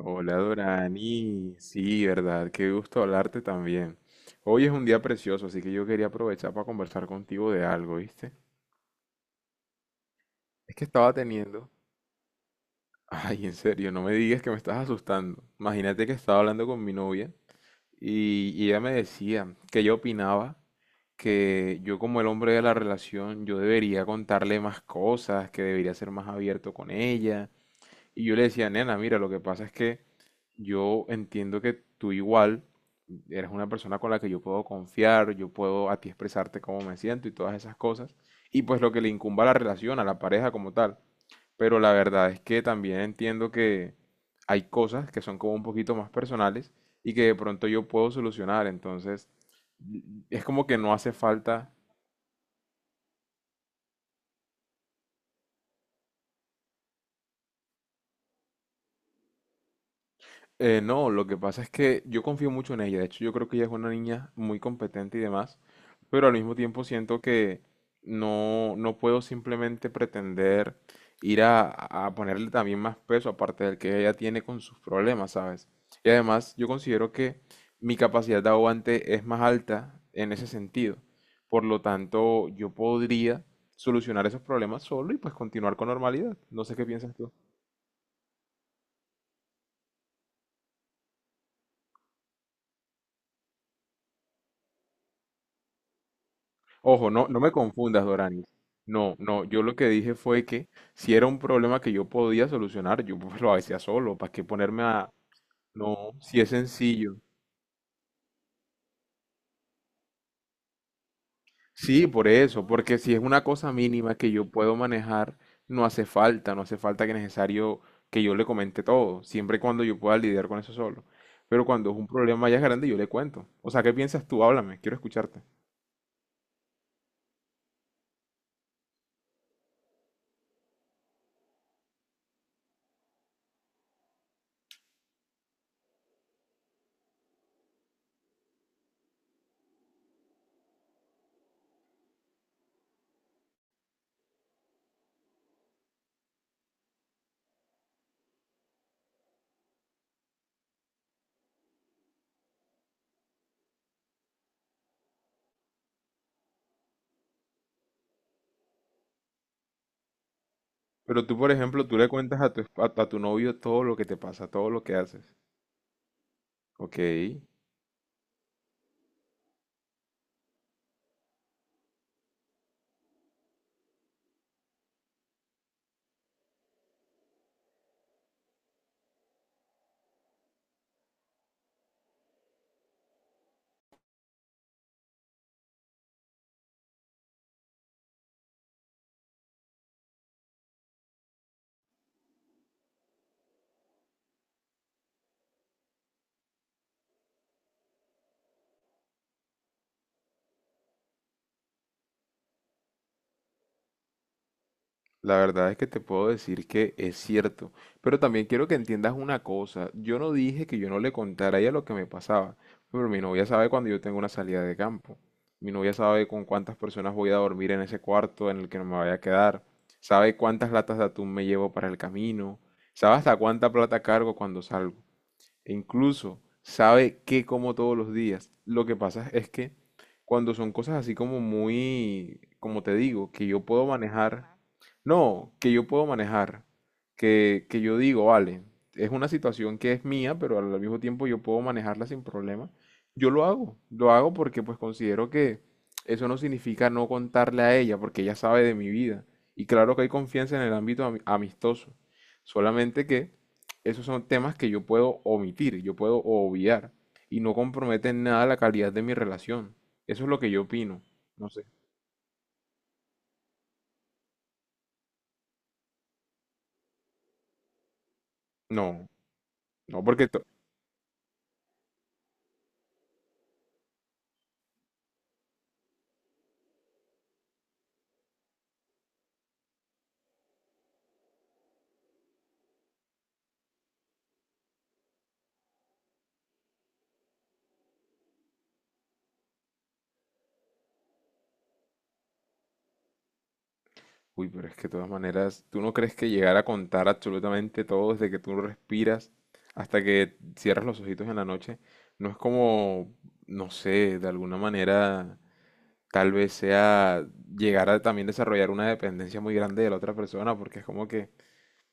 Hola Dorani, sí, verdad, qué gusto hablarte también. Hoy es un día precioso, así que yo quería aprovechar para conversar contigo de algo, ¿viste? Es que estaba teniendo... Ay, en serio, no me digas que me estás asustando. Imagínate que estaba hablando con mi novia y ella me decía que ella opinaba que yo, como el hombre de la relación, yo debería contarle más cosas, que debería ser más abierto con ella. Y yo le decía, nena, mira, lo que pasa es que yo entiendo que tú igual eres una persona con la que yo puedo confiar, yo puedo a ti expresarte cómo me siento y todas esas cosas. Y pues lo que le incumba a la relación, a la pareja como tal. Pero la verdad es que también entiendo que hay cosas que son como un poquito más personales y que de pronto yo puedo solucionar. Entonces, es como que no hace falta. No, lo que pasa es que yo confío mucho en ella. De hecho, yo creo que ella es una niña muy competente y demás, pero al mismo tiempo siento que no puedo simplemente pretender ir a ponerle también más peso aparte del que ella tiene con sus problemas, ¿sabes? Y además, yo considero que mi capacidad de aguante es más alta en ese sentido. Por lo tanto, yo podría solucionar esos problemas solo y pues continuar con normalidad. No sé qué piensas tú. Ojo, no, no me confundas, Doranis. No, no, yo lo que dije fue que si era un problema que yo podía solucionar, yo pues lo hacía solo, ¿para qué ponerme a...? No, si es sencillo. Sí, por eso, porque si es una cosa mínima que yo puedo manejar, no hace falta, no hace falta que necesario que yo le comente todo, siempre y cuando yo pueda lidiar con eso solo. Pero cuando es un problema ya grande, yo le cuento. O sea, ¿qué piensas tú? Háblame, quiero escucharte. Pero tú, por ejemplo, tú le cuentas a a tu novio todo lo que te pasa, todo lo que haces. Ok. La verdad es que te puedo decir que es cierto, pero también quiero que entiendas una cosa. Yo no dije que yo no le contara a ella lo que me pasaba, pero mi novia sabe cuando yo tengo una salida de campo. Mi novia sabe con cuántas personas voy a dormir en ese cuarto en el que no me vaya a quedar. Sabe cuántas latas de atún me llevo para el camino. Sabe hasta cuánta plata cargo cuando salgo. E incluso sabe qué como todos los días. Lo que pasa es que cuando son cosas así como muy, como te digo, que yo puedo manejar, no, que yo puedo manejar, que yo digo, vale, es una situación que es mía, pero al mismo tiempo yo puedo manejarla sin problema, yo lo hago porque pues considero que eso no significa no contarle a ella, porque ella sabe de mi vida. Y claro que hay confianza en el ámbito amistoso, solamente que esos son temas que yo puedo omitir, yo puedo obviar y no comprometen en nada la calidad de mi relación. Eso es lo que yo opino. No sé. No, no porque... to- Uy, pero es que de todas maneras, ¿tú no crees que llegar a contar absolutamente todo desde que tú respiras hasta que cierras los ojitos en la noche no es como, no sé, de alguna manera tal vez sea llegar a también desarrollar una dependencia muy grande de la otra persona porque es como que...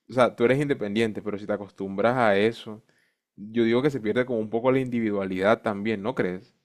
O sea, tú eres independiente, pero si te acostumbras a eso, yo digo que se pierde como un poco la individualidad también, ¿no crees?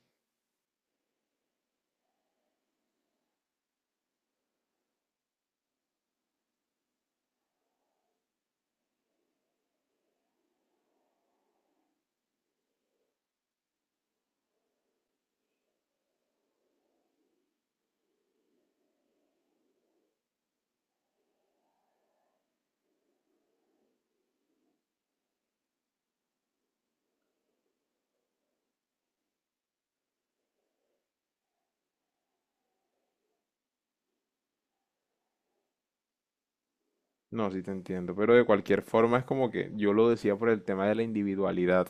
No, sí te entiendo, pero de cualquier forma es como que yo lo decía por el tema de la individualidad,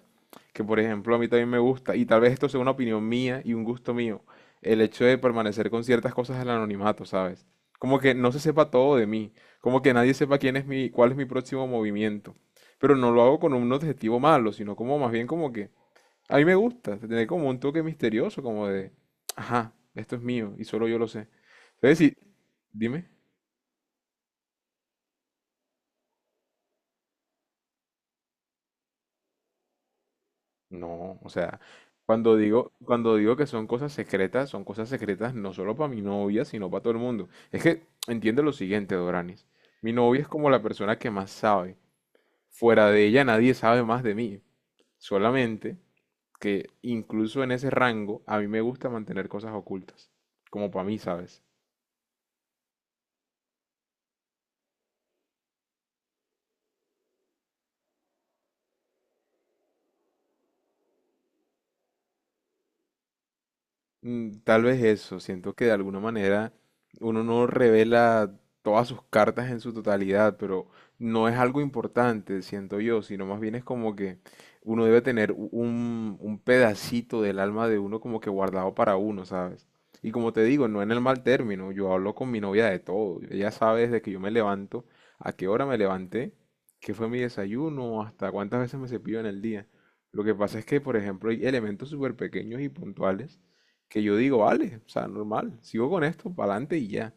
que por ejemplo a mí también me gusta, y tal vez esto sea una opinión mía y un gusto mío, el hecho de permanecer con ciertas cosas del anonimato, ¿sabes? Como que no se sepa todo de mí, como que nadie sepa quién es mi, cuál es mi próximo movimiento, pero no lo hago con un objetivo malo, sino como más bien como que a mí me gusta, tiene como un toque misterioso, como de, ajá, esto es mío y solo yo lo sé. Entonces, si, dime, no, o sea, cuando digo que son cosas secretas no solo para mi novia, sino para todo el mundo. Es que entiende lo siguiente, Doranis. Mi novia es como la persona que más sabe. Fuera de ella nadie sabe más de mí. Solamente que incluso en ese rango a mí me gusta mantener cosas ocultas. Como para mí, ¿sabes? Tal vez eso, siento que de alguna manera uno no revela todas sus cartas en su totalidad, pero no es algo importante, siento yo, sino más bien es como que uno debe tener un pedacito del alma de uno como que guardado para uno, ¿sabes? Y como te digo, no en el mal término, yo hablo con mi novia de todo. Ella sabe desde que yo me levanto, a qué hora me levanté, qué fue mi desayuno, hasta cuántas veces me cepillo en el día. Lo que pasa es que, por ejemplo, hay elementos súper pequeños y puntuales que yo digo, vale, o sea, normal, sigo con esto, para adelante y ya.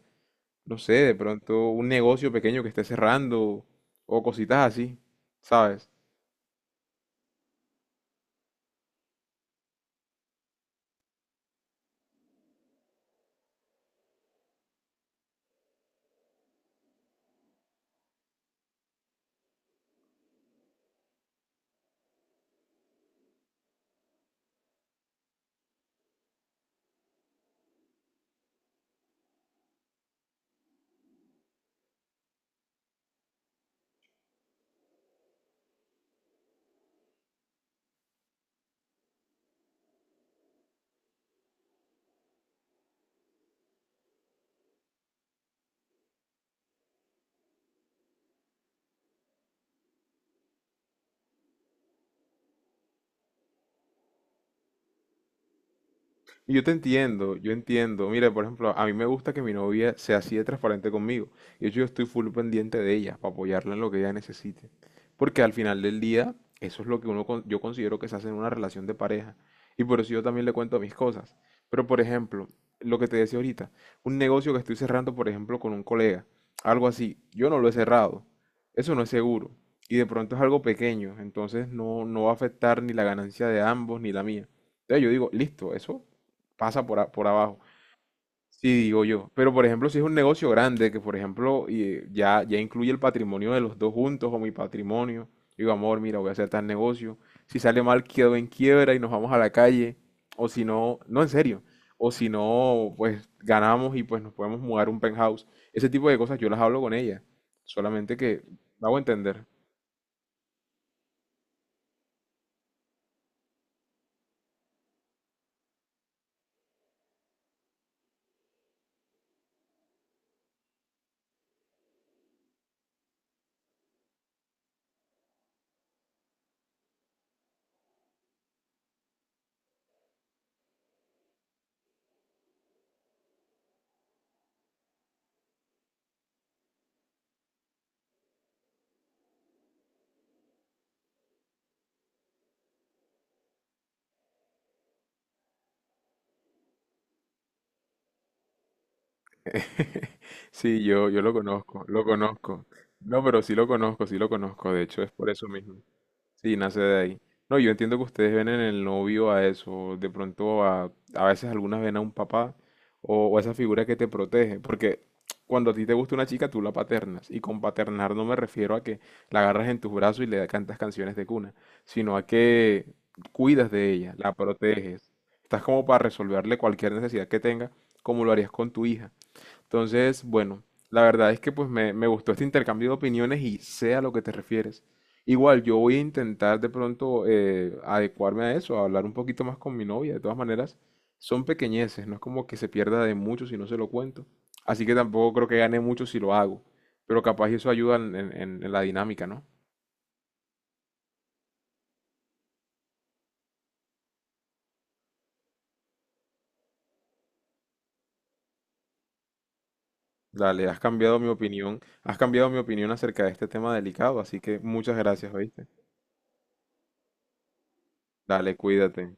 No sé, de pronto un negocio pequeño que esté cerrando o cositas así, ¿sabes? Yo te entiendo, yo entiendo. Mira, por ejemplo, a mí me gusta que mi novia sea así de transparente conmigo. Y de hecho, yo estoy full pendiente de ella para apoyarla en lo que ella necesite. Porque al final del día, eso es lo que uno, yo considero que se hace en una relación de pareja. Y por eso yo también le cuento mis cosas. Pero, por ejemplo, lo que te decía ahorita, un negocio que estoy cerrando, por ejemplo, con un colega, algo así, yo no lo he cerrado. Eso no es seguro. Y de pronto es algo pequeño, entonces no, no va a afectar ni la ganancia de ambos ni la mía. Entonces yo digo, listo, eso pasa por, por abajo. Sí, digo yo. Pero por ejemplo, si es un negocio grande, que por ejemplo ya incluye el patrimonio de los dos juntos o mi patrimonio, digo, amor, mira, voy a hacer tal negocio. Si sale mal, quedo en quiebra y nos vamos a la calle. O si no, no en serio. O si no, pues ganamos y pues nos podemos mudar a un penthouse. Ese tipo de cosas yo las hablo con ella. Solamente que me hago entender. Sí, yo lo conozco, lo conozco. No, pero sí lo conozco, sí lo conozco. De hecho, es por eso mismo. Sí, nace de ahí. No, yo entiendo que ustedes ven en el novio a eso, de pronto a veces algunas ven a un papá o a esa figura que te protege, porque cuando a ti te gusta una chica tú la paternas, y con paternar no me refiero a que la agarras en tus brazos y le cantas canciones de cuna, sino a que cuidas de ella, la proteges, estás como para resolverle cualquier necesidad que tenga, como lo harías con tu hija. Entonces, bueno, la verdad es que pues me gustó este intercambio de opiniones y sé a lo que te refieres. Igual, yo voy a intentar de pronto adecuarme a eso, a hablar un poquito más con mi novia. De todas maneras, son pequeñeces, no es como que se pierda de mucho si no se lo cuento. Así que tampoco creo que gane mucho si lo hago. Pero capaz eso ayuda en, en la dinámica, ¿no? Dale, has cambiado mi opinión, has cambiado mi opinión acerca de este tema delicado, así que muchas gracias, ¿oíste? Dale, cuídate.